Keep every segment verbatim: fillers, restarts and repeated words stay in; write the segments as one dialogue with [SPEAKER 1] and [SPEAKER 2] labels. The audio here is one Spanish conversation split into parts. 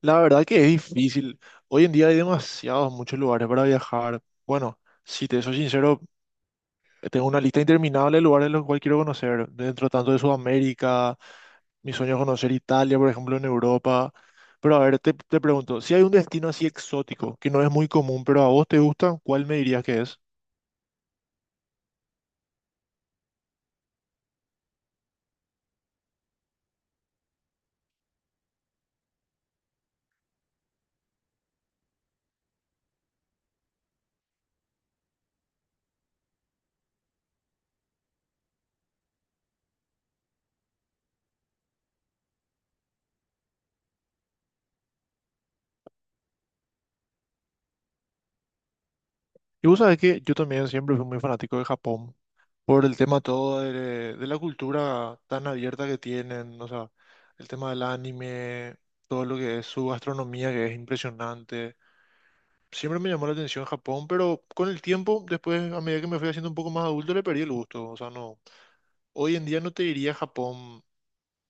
[SPEAKER 1] La verdad que es difícil. Hoy en día hay demasiados, muchos lugares para viajar. Bueno, si te soy sincero, tengo una lista interminable de lugares los cuales quiero conocer. Dentro tanto de Sudamérica, mi sueño es conocer Italia, por ejemplo, en Europa. Pero a ver, te, te pregunto, si hay un destino así exótico, que no es muy común, pero a vos te gusta, ¿cuál me dirías que es? Y vos sabés que yo también siempre fui muy fanático de Japón por el tema todo de, de la cultura tan abierta que tienen, o sea, el tema del anime, todo lo que es su gastronomía que es impresionante. Siempre me llamó la atención Japón, pero con el tiempo, después, a medida que me fui haciendo un poco más adulto, le perdí el gusto. O sea, no, hoy en día no te diría Japón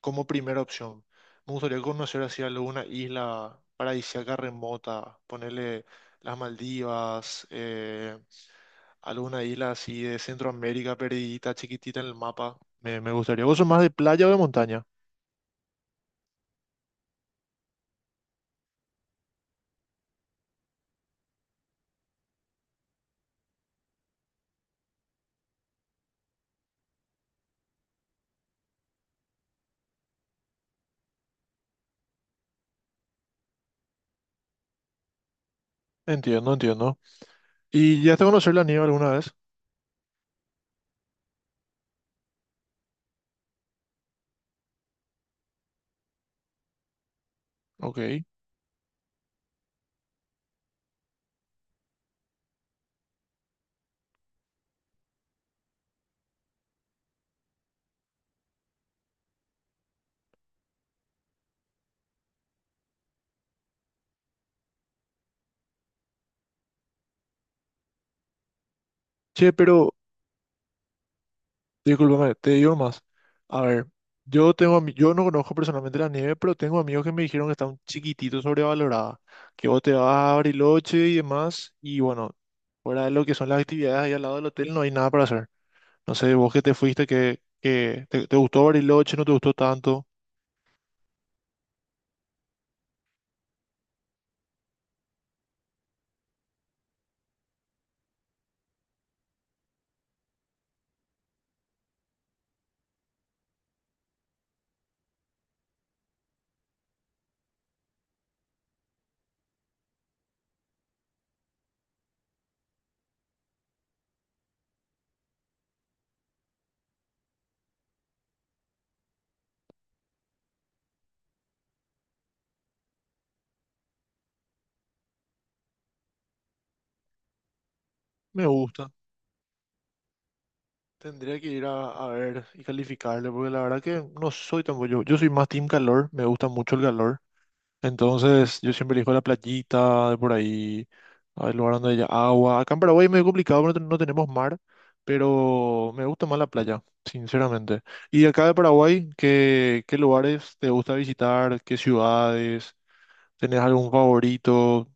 [SPEAKER 1] como primera opción. Me gustaría conocer así alguna isla paradisíaca remota, ponerle las Maldivas, eh, alguna isla así de Centroamérica perdidita, chiquitita en el mapa. Me, me gustaría. ¿Vos sos más de playa o de montaña? Entiendo, entiendo. ¿Y ya te conocer la nieve alguna vez? Ok. Che, pero discúlpame, te digo más. A ver, yo tengo, ami- yo no conozco personalmente la nieve, pero tengo amigos que me dijeron que está un chiquitito sobrevalorada, que vos te vas a Bariloche y demás, y bueno, fuera de lo que son las actividades ahí al lado del hotel, no hay nada para hacer. No sé, vos que te fuiste, que, que te, te gustó Bariloche, no te gustó tanto. Me gusta. Tendría que ir a, a ver y calificarle, porque la verdad que no soy tan bueno, yo. Yo soy más team calor, me gusta mucho el calor. Entonces, yo siempre elijo la playita de por ahí. Ah, el lugar donde haya agua. Acá en Paraguay es medio complicado porque no tenemos mar, pero me gusta más la playa, sinceramente. ¿Y acá de Paraguay, qué, qué lugares te gusta visitar? ¿Qué ciudades? ¿Tenés algún favorito?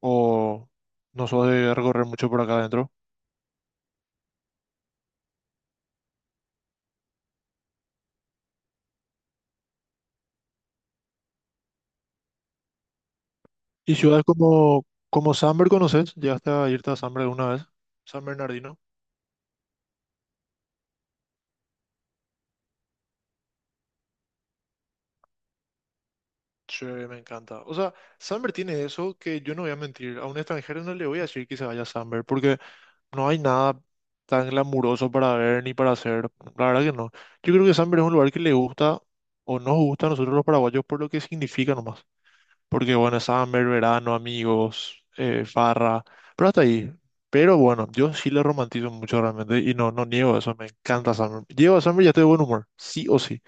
[SPEAKER 1] ¿O no sos de recorrer mucho por acá adentro? ¿Y ciudades como, como Samber conoces? ¿Llegaste a irte a Samber alguna vez? San Bernardino. Sí, me encanta. O sea, Samber tiene eso que yo no voy a mentir. A un extranjero no le voy a decir que se vaya a Samber, porque no hay nada tan glamuroso para ver ni para hacer. La verdad que no. Yo creo que Samber es un lugar que le gusta o nos gusta a nosotros los paraguayos por lo que significa nomás. Porque bueno, Samber, verano, amigos, eh, farra, pero hasta ahí. Pero bueno, yo sí le romantizo mucho realmente y no, no niego eso, me encanta Samber. Llego a Samber y ya estoy de buen humor, sí o sí,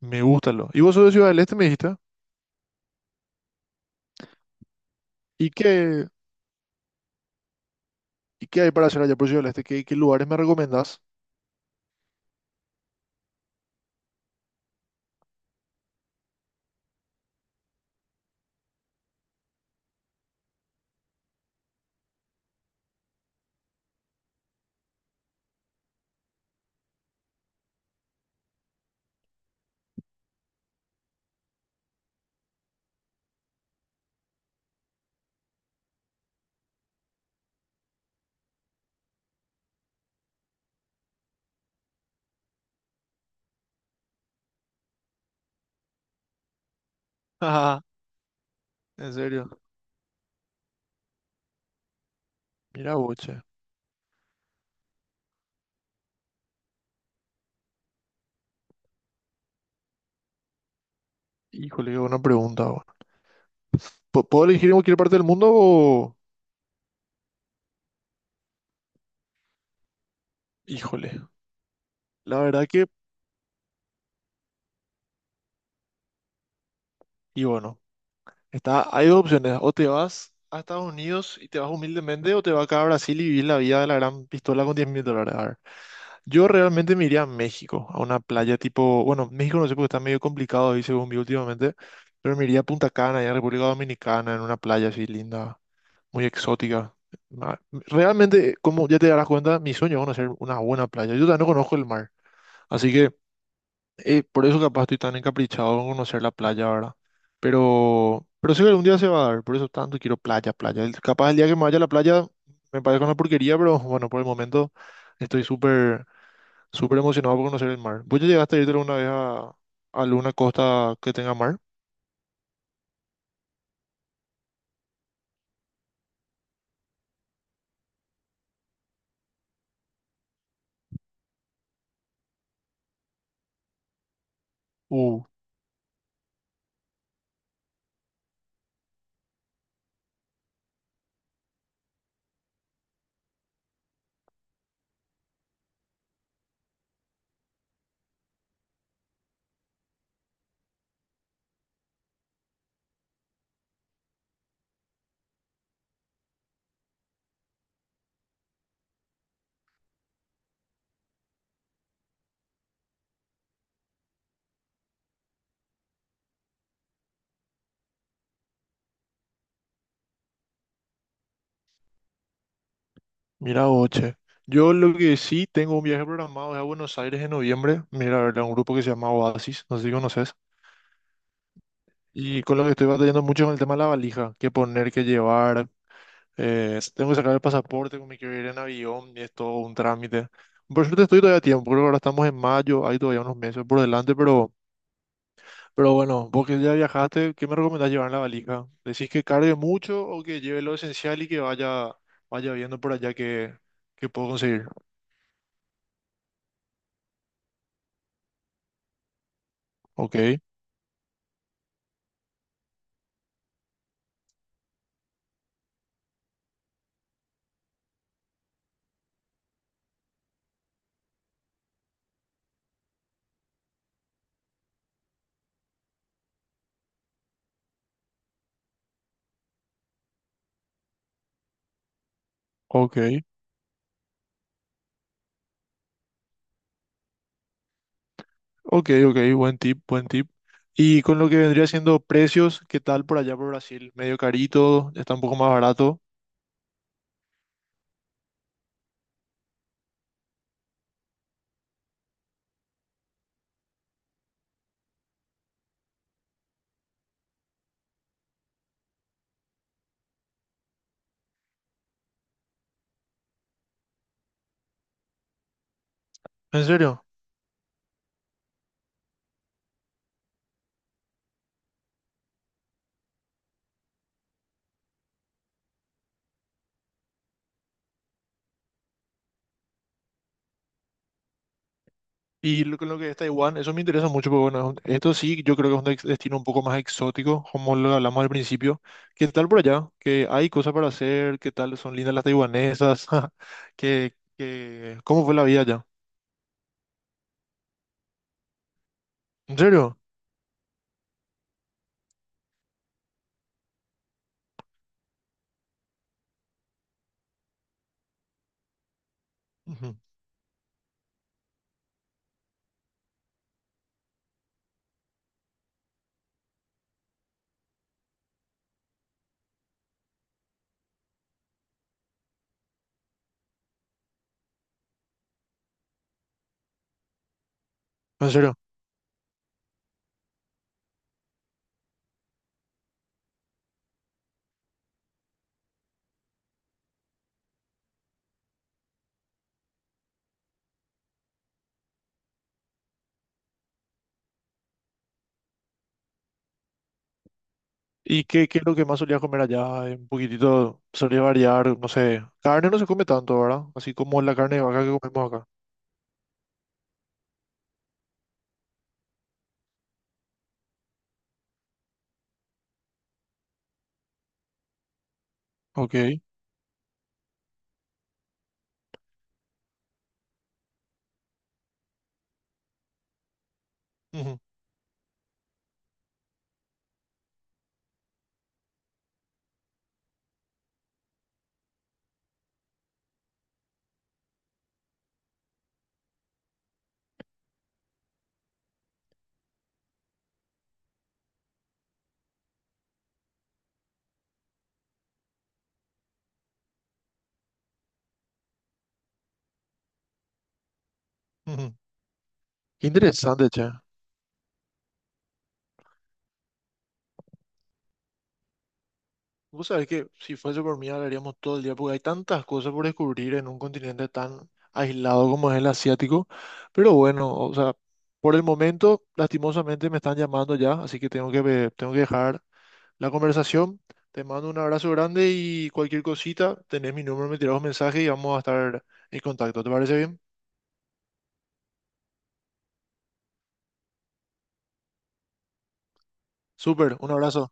[SPEAKER 1] me gusta lo. Y vos sos de Ciudad del Este, me dijiste, ¿y qué, y qué hay para hacer allá por Ciudad del Este? ¿Qué, qué lugares me recomendás? Ajá, en serio. Mira, boche. Híjole, qué buena pregunta. ¿Pu- Puedo elegir en cualquier parte del mundo o...? Híjole, la verdad que... Y bueno, está, hay dos opciones. O te vas a Estados Unidos y te vas humildemente o te vas acá a Brasil y vivir la vida de la gran pistola con diez mil dólares. A ver, yo realmente me iría a México, a una playa tipo... Bueno, México no sé porque está medio complicado ahí según vi últimamente, pero me iría a Punta Cana, allá en República Dominicana, en una playa así linda, muy exótica. Ma- Realmente, como ya te darás cuenta, mi sueño es conocer una buena playa. Yo todavía no conozco el mar, así que... eh, por eso capaz estoy tan encaprichado con conocer la playa, ¿verdad? Pero, pero sé que algún día se va a dar, por eso tanto quiero playa, playa. El- Capaz el día que me vaya a la playa me parezca una porquería, pero bueno, por el momento estoy súper, súper emocionado por conocer el mar. ¿Vos ya llegaste a irte alguna vez a, a alguna costa que tenga mar? Uh, mira, oche. Yo lo que sí tengo un viaje programado es a Buenos Aires en noviembre. Mira, a ver, a un grupo que se llama Oasis, no sé si conoces. Y con lo que estoy batallando mucho es con el tema de la valija, qué poner, qué llevar. Eh, tengo que sacar el pasaporte, me quiero ir en avión y es todo un trámite. Por suerte estoy todavía a tiempo, creo que ahora estamos en mayo, hay todavía unos meses por delante, pero, pero bueno, vos que ya viajaste, ¿qué me recomendás llevar en la valija? ¿Decís que cargue mucho o que lleve lo esencial y que vaya, vaya viendo por allá que, que puedo conseguir? Ok, ok, ok, ok, buen tip, buen tip. Y con lo que vendría siendo precios, ¿qué tal por allá por Brasil? ¿Medio carito? ¿Está un poco más barato? ¿En serio? Y lo, con lo que es Taiwán, eso me interesa mucho, porque bueno, esto sí, yo creo que es un dex- destino un poco más exótico, como lo hablamos al principio. ¿Qué tal por allá? ¿Qué hay cosas para hacer? ¿Qué tal son lindas las taiwanesas? ¿Qué, qué, cómo fue la vida allá? ¿En serio? Ujú. ¿En serio? ¿Y qué, qué es lo que más solía comer allá? Eh, Un poquitito solía variar, no sé. Carne no se come tanto, ¿verdad? Así como la carne de vaca que comemos acá. Ok. Ujú, ujú. Qué interesante, che. Vos sabés que si fuese por mí hablaríamos todo el día, porque hay tantas cosas por descubrir en un continente tan aislado como es el asiático. Pero bueno, o sea, por el momento, lastimosamente me están llamando ya, así que tengo que, ve- tengo que dejar la conversación. Te mando un abrazo grande y cualquier cosita, tenés mi número, me tirás un mensaje y vamos a estar en contacto. ¿Te parece bien? Súper, un abrazo.